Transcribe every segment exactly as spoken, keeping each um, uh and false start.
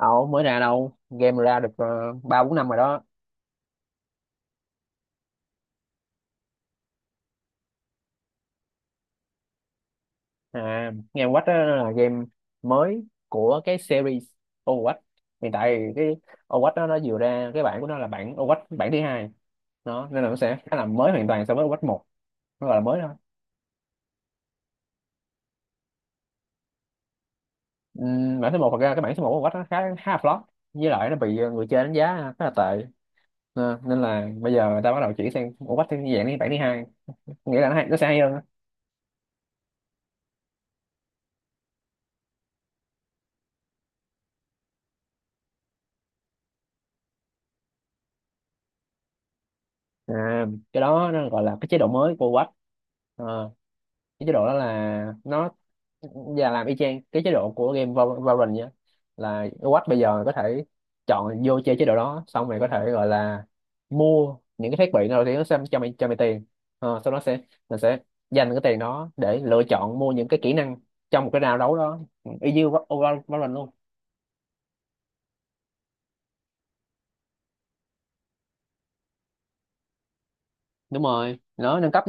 Đâu mới ra đâu, game ra được ờ, ba bốn năm rồi đó. À, game Watch đó là game mới của cái series Overwatch. Hiện tại thì cái Overwatch đó nó vừa ra cái bản của nó là bản Overwatch, bản thứ hai đó, nên là nó sẽ khá là mới hoàn toàn so với Overwatch một. Nó gọi là mới thôi. Ừm, bản số một, thật ra cái bản số một của Overwatch nó khá khá là flop, với lại nó bị ờ, người chơi đánh giá khá là tệ. Ờ, nên là bây giờ người ta bắt đầu chuyển sang Overwatch theo dạng như bản thứ hai, nghĩa là nó, hay, nó sẽ hay hơn á. À, cái đó nó gọi là cái chế độ mới của Overwatch. Ờ, cái chế độ đó là nó và làm y chang cái chế độ của game Val- Valorant nhá, là Watch bây giờ có thể chọn vô chơi chế độ đó xong rồi có thể gọi là mua những cái thiết bị nào thì nó sẽ cho mày cho mày tiền. Ờ, sau đó sẽ Mình sẽ dành cái tiền đó để lựa chọn mua những cái kỹ năng trong một cái round đấu đó. Ừ, y như Val- Val- Valorant luôn. Đúng rồi, nó nâng cấp.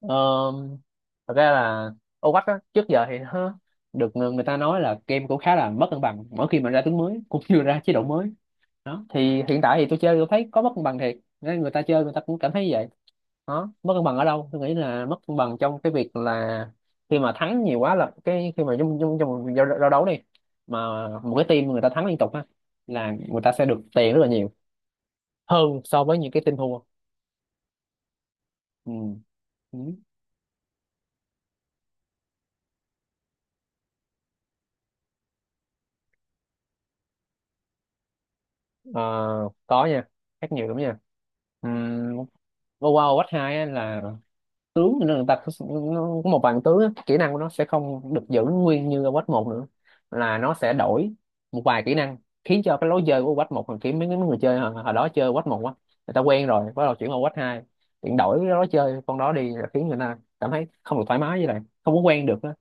ờ, Thật ra là Overwatch á, trước giờ thì nó được người người ta nói là game cũng khá là mất cân bằng mỗi khi mà ra tướng mới cũng như ra chế độ mới đó. Thì hiện tại thì tôi chơi, tôi thấy có mất cân bằng thiệt, nên người ta chơi người ta cũng cảm thấy vậy đó. Mất cân bằng ở đâu? Tôi nghĩ là mất cân bằng trong cái việc là khi mà thắng nhiều quá, là cái khi mà trong trong trong một giao, giao đấu đi, mà một cái team người ta thắng liên tục á là người ta sẽ được tiền rất là nhiều hơn so với những cái team thua. Ừ. Ừ. Ờ, có nha, khác nhiều lắm nha. Ừ. Wow, wow, Watch hai á là tướng cho nên người ta có- nó có một vài tướng á, kỹ năng của nó sẽ không được giữ nguyên như ở quách một nữa, là nó sẽ đổi một vài kỹ năng, khiến cho cái lối chơi của quách một thằng kiếm mấy mấy người chơi hồi, hồi đó chơi quách một quá, người ta quen rồi bắt đầu chuyển qua quách hai, chuyển đổi cái lối chơi con đó đi là khiến người ta cảm thấy không được thoải mái với lại không có quen được á.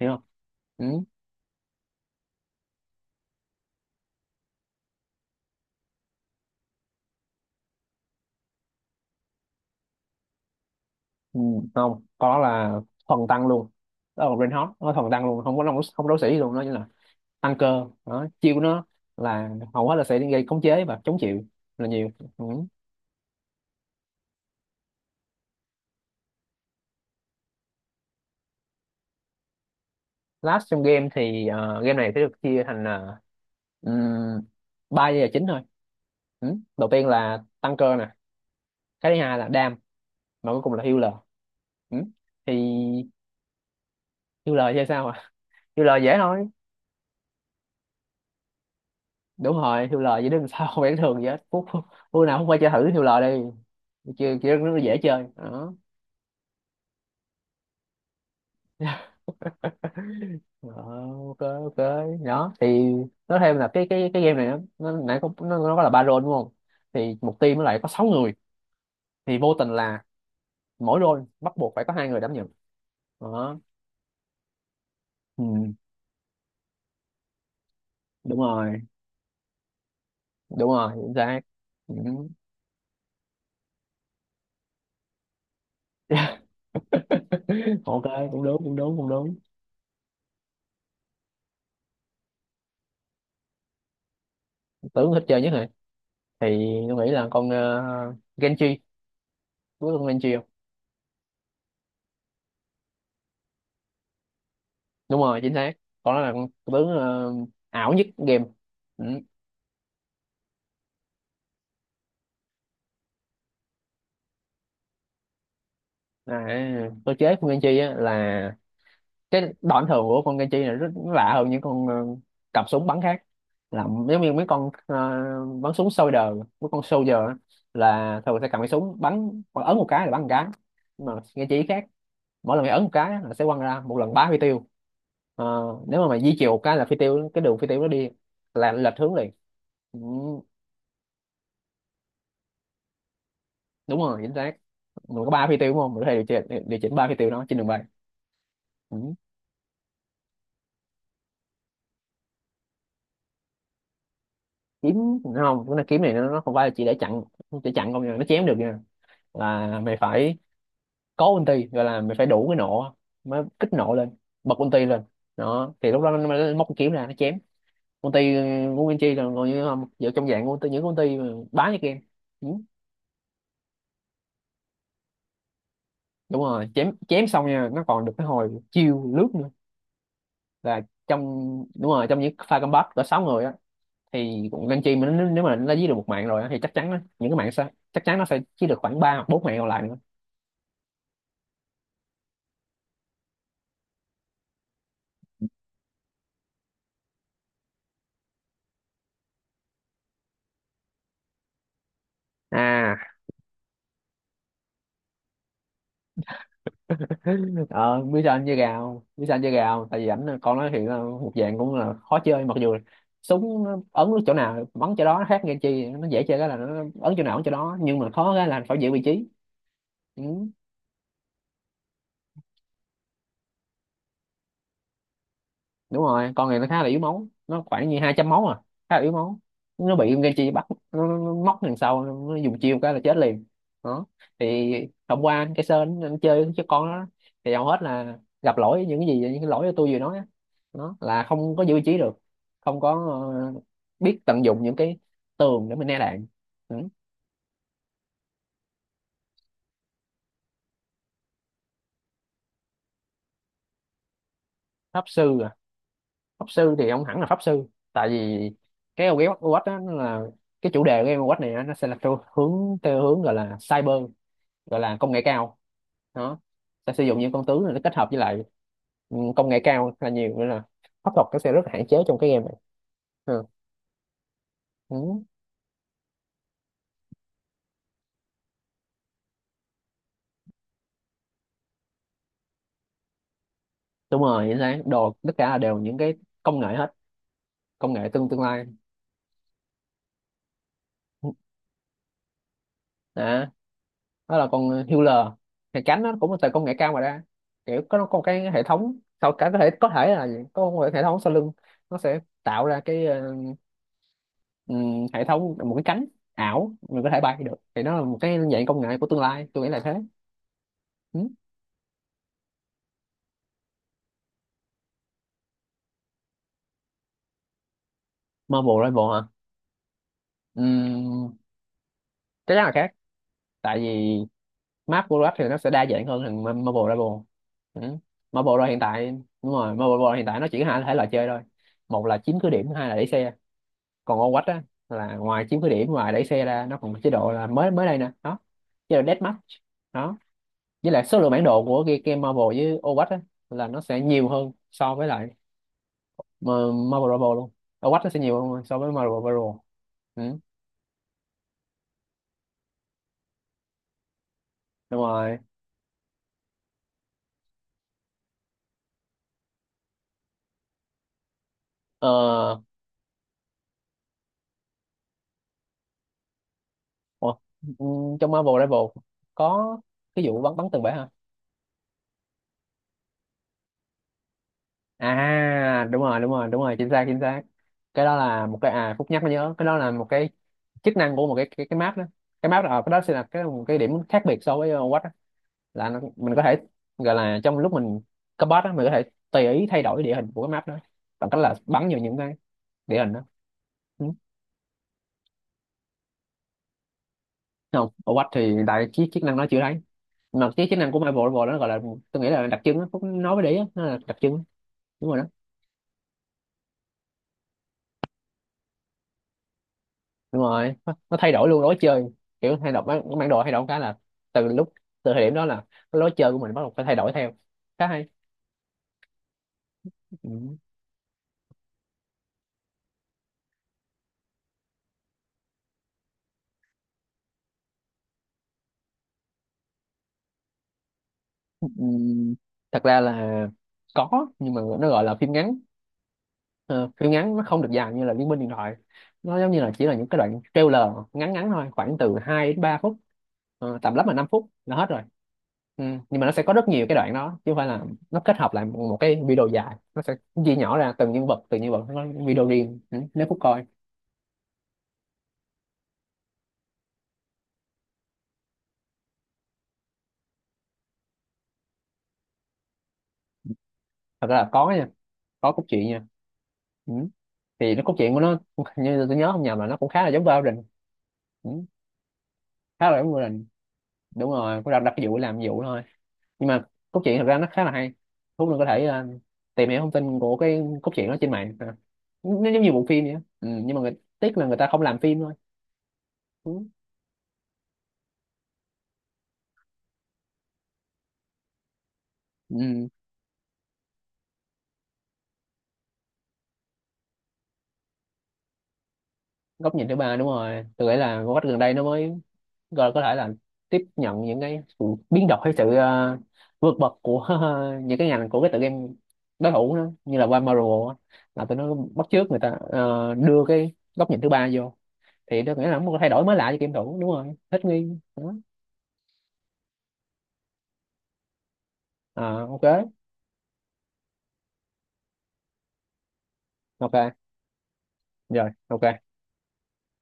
Hiểu không? Ừ. Ừ, không có, là thuần tăng luôn. Đó là Reinhardt, nó thuần tăng luôn, không có không có đấu sĩ gì luôn đó. Như là tăng cơ đó, chiêu của nó là hầu hết là sẽ gây khống chế và chống chịu là nhiều. Ừ. Last trong game thì ờ, game này sẽ được chia thành uh, ba giai đoạn chính thôi. Ừ. Đầu tiên là tăng cơ nè, cái thứ hai là đam, và cuối cùng là healer. Ừ. Thì healer chơi sao à? Healer dễ thôi. Đúng rồi, healer dễ. Đừng sao, không phải thường vậy hết. Phút phút phút nào không phải chơi thử healer đi, chưa kia nó dễ chơi đó. Ờ, ok, ok, đó thì nói thêm là cái cái cái game này nó nó nãy có nó, nó có là ba role đúng không? Thì một team nó lại có sáu người, thì vô tình là mỗi role bắt buộc phải có hai người đảm nhận đó. Ừ, đúng rồi, đúng rồi, chính xác. Ừ. Ok. Cũng đúng, cũng đúng, cũng đúng. Tưởng thích chơi nhất rồi thì tôi nghĩ là con uh, Genji, đúng con Genji không? Đúng rồi, chính xác. Con đó là con tướng ờ, ảo nhất game. Ừ. À, cơ chế của Genji á là cái đòn thường của con Kenchi này rất lạ hơn những con ờ, cặp súng bắn khác, là giống như mấy con ờ, bắn súng soldier, mấy con soldier á, là thường sẽ cầm cái súng bắn hoặc ấn một cái là bắn một cái. Nhưng mà Kenchi khác, mỗi lần mày ấn một cái á là sẽ quăng ra một lần bá phi tiêu. Ờ, Nếu mà mày di chiều một cái là phi tiêu, cái đường phi tiêu nó đi là lệch hướng liền. Ừ, đúng rồi, chính xác. Mình có ba phi tiêu đúng không, mình có thể điều chỉnh điều chỉnh ba phi tiêu đó trên đường bay. Ừ. Kiếm đúng không? Cái này kiếm này nó nó không phải là chỉ để chặn, để chặn không nha, nó chém được nha. Là mày phải có ulti, gọi là mày phải đủ cái nộ mới kích nộ lên, bật ulti lên. Đó thì lúc đó nó mới móc cái kiếm ra nó chém. Ulti của Nguyên là còn như không, giờ trong dạng ulti, những ulti mà bá như game. Ừ, đúng rồi, chém chém xong nha, nó còn được cái hồi chiêu lướt nữa. Là trong Đúng rồi, trong những pha combat có sáu người á, thì cũng Nguyên mà nó, nếu mà nó dí được một mạng rồi á, thì chắc chắn á, những cái mạng sẽ chắc chắn nó sẽ chỉ được khoảng ba hoặc bốn mạng còn lại nữa. À, ờ biết sao anh chơi gà không, biết sao anh chơi gà không, tại vì ảnh là- con nói hiện là một dạng cũng là khó chơi, mặc dù là súng nó ấn chỗ nào bắn chỗ đó. Nó khác nghe chi, nó dễ chơi cái là nó ấn chỗ nào ấn chỗ đó, nhưng mà khó cái là phải giữ vị trí. Ừ. Đúng rồi, con này nó khá là yếu máu, nó khoảng như hai trăm máu à, khá là yếu máu. Nó bị Genji bắt, nó, nó, nó móc đằng sau, nó dùng chiêu cái là chết liền đó. Thì hôm qua anh cái Sơn anh chơi với con đó thì hầu hết là gặp lỗi, những cái gì những cái lỗi mà tôi vừa nói á. Đó là không có giữ vị trí được, không có ờ, biết tận dụng những cái tường để mình né đạn. Ừ. Pháp sư à? Pháp sư thì không hẳn là pháp sư, tại vì cái game Overwatch đó, nó là cái chủ đề của game Overwatch này á, nó sẽ là theo hướng, theo hướng gọi là cyber, gọi là công nghệ cao. Đó sẽ sử dụng những con tướng này, nó kết hợp với lại ừ, công nghệ cao là nhiều. Nữa là pháp thuật nó sẽ rất là hạn chế trong cái game này. Ừ. Ừ. Đúng rồi, chính xác, đồ tất cả là đều những cái công nghệ hết. Công nghệ tương tương lai. Đó, đó là con Hewler, thì cánh nó cũng là từ công nghệ cao mà ra. Kiểu có nó có một cái hệ thống sau cả, có thể có thể là gì? Có một hệ thống sau lưng, nó sẽ tạo ra cái ờ, ừm, hệ thống một cái cánh ảo mình có thể bay được. Thì nó là một cái dạng công nghệ của tương lai, tôi nghĩ là thế. Ừ. Marvel Rival hả? Ừm, Chắc chắn là khác, tại vì map của Rap thì nó sẽ đa dạng hơn thằng Marvel Rival. Ừ. Marvel Rival hiện tại Đúng rồi, Marvel Rival hiện tại nó chỉ có hai thể loại chơi thôi, một là chiếm cứ điểm, hai là đẩy xe. Còn ô quách á là ngoài chiếm khuyết điểm, ngoài đẩy xe ra nó còn có chế độ là mới mới đây nè đó, chế độ deathmatch đó. Với lại số lượng bản đồ của cái game Marvel với ô quách á là nó sẽ nhiều hơn so với lại mà- Marvel Marvel luôn. Ô quách nó sẽ nhiều hơn so với Marvel Marvel. Ừ. Đúng rồi. ờ Ủa, ừ, trong Marvel Marvel có cái vụ bắn bắn tường bể hả? À, đúng rồi, đúng rồi, đúng rồi, chính xác, chính xác. Cái đó là một cái, à, Phúc nhắc mới nhớ, cái đó là một cái chức năng của một cái cái, cái map đó, cái map đó ờ, cái đó sẽ là cái một cái điểm khác biệt so với uh, Watch đó. Là nó, mình có thể gọi là trong lúc mình cấp boss đó, mình có thể tùy ý thay đổi địa hình của cái map đó bằng cách là bắn vào những cái địa hình đó. Ừ. Không, ở Watch thì đại chiếc chức năng nó chưa thấy, mà cái chức năng của Marvel Marvel đó gọi là, tôi nghĩ là đặc trưng đó, Phúc nói với đấy nó là đặc trưng. Đúng rồi đó. Đúng rồi, nó, nó thay đổi luôn lối chơi. Kiểu thay đổi bản, bản đồ, thay đổi cái là từ lúc từ thời điểm đó là cái lối chơi của mình bắt đầu phải thay đổi theo, khá hay. Ừ. Ừ. Thật ra là có, nhưng mà nó gọi là phim ngắn. Ờ, Phim ngắn nó không được dài như là Liên Minh Điện Thoại, nó giống như là chỉ là những cái đoạn trailer ngắn ngắn thôi, khoảng từ hai đến ba phút. Ờ, tầm lắm là năm phút là hết rồi. Ừ. Nhưng mà nó sẽ có rất nhiều cái đoạn đó chứ không phải là nó kết hợp lại một, một cái video dài, nó sẽ chia nhỏ ra từng nhân vật từng nhân vật, nó có video riêng. Ừ. Nếu phút coi. Thật ra là có nha, có cốt truyện nha. Ừ. Thì nó cốt truyện của nó như tôi nhớ không nhầm là nó cũng khá là giống Valorant. Ừ. Khá là giống Valorant. Đúng rồi, cũng đặt đặt cái vụ làm vụ thôi. Nhưng mà cốt truyện thật ra nó khá là hay. Thú mình có thể ờ, tìm hiểu thông tin của cái cốt truyện đó trên mạng à. Nó giống như bộ phim vậy á. Ừ. Nhưng mà người, tiếc là người ta không làm phim thôi. Ừ. Ừ. Góc nhìn thứ ba đúng rồi, tôi nghĩ là góc gần đây nó mới, rồi có thể là tiếp nhận những cái sự biến động hay sự ờ, vượt bậc của những cái ngành của cái tựa game đối thủ đó, như là qua Marvel á, là tụi nó bắt chước người ta ờ, đưa cái góc nhìn thứ ba vô, thì tôi nghĩ là nó một cái thay đổi mới lạ cho game thủ, đúng rồi, thích nghi. Đó. À, ok, ok, rồi, ok.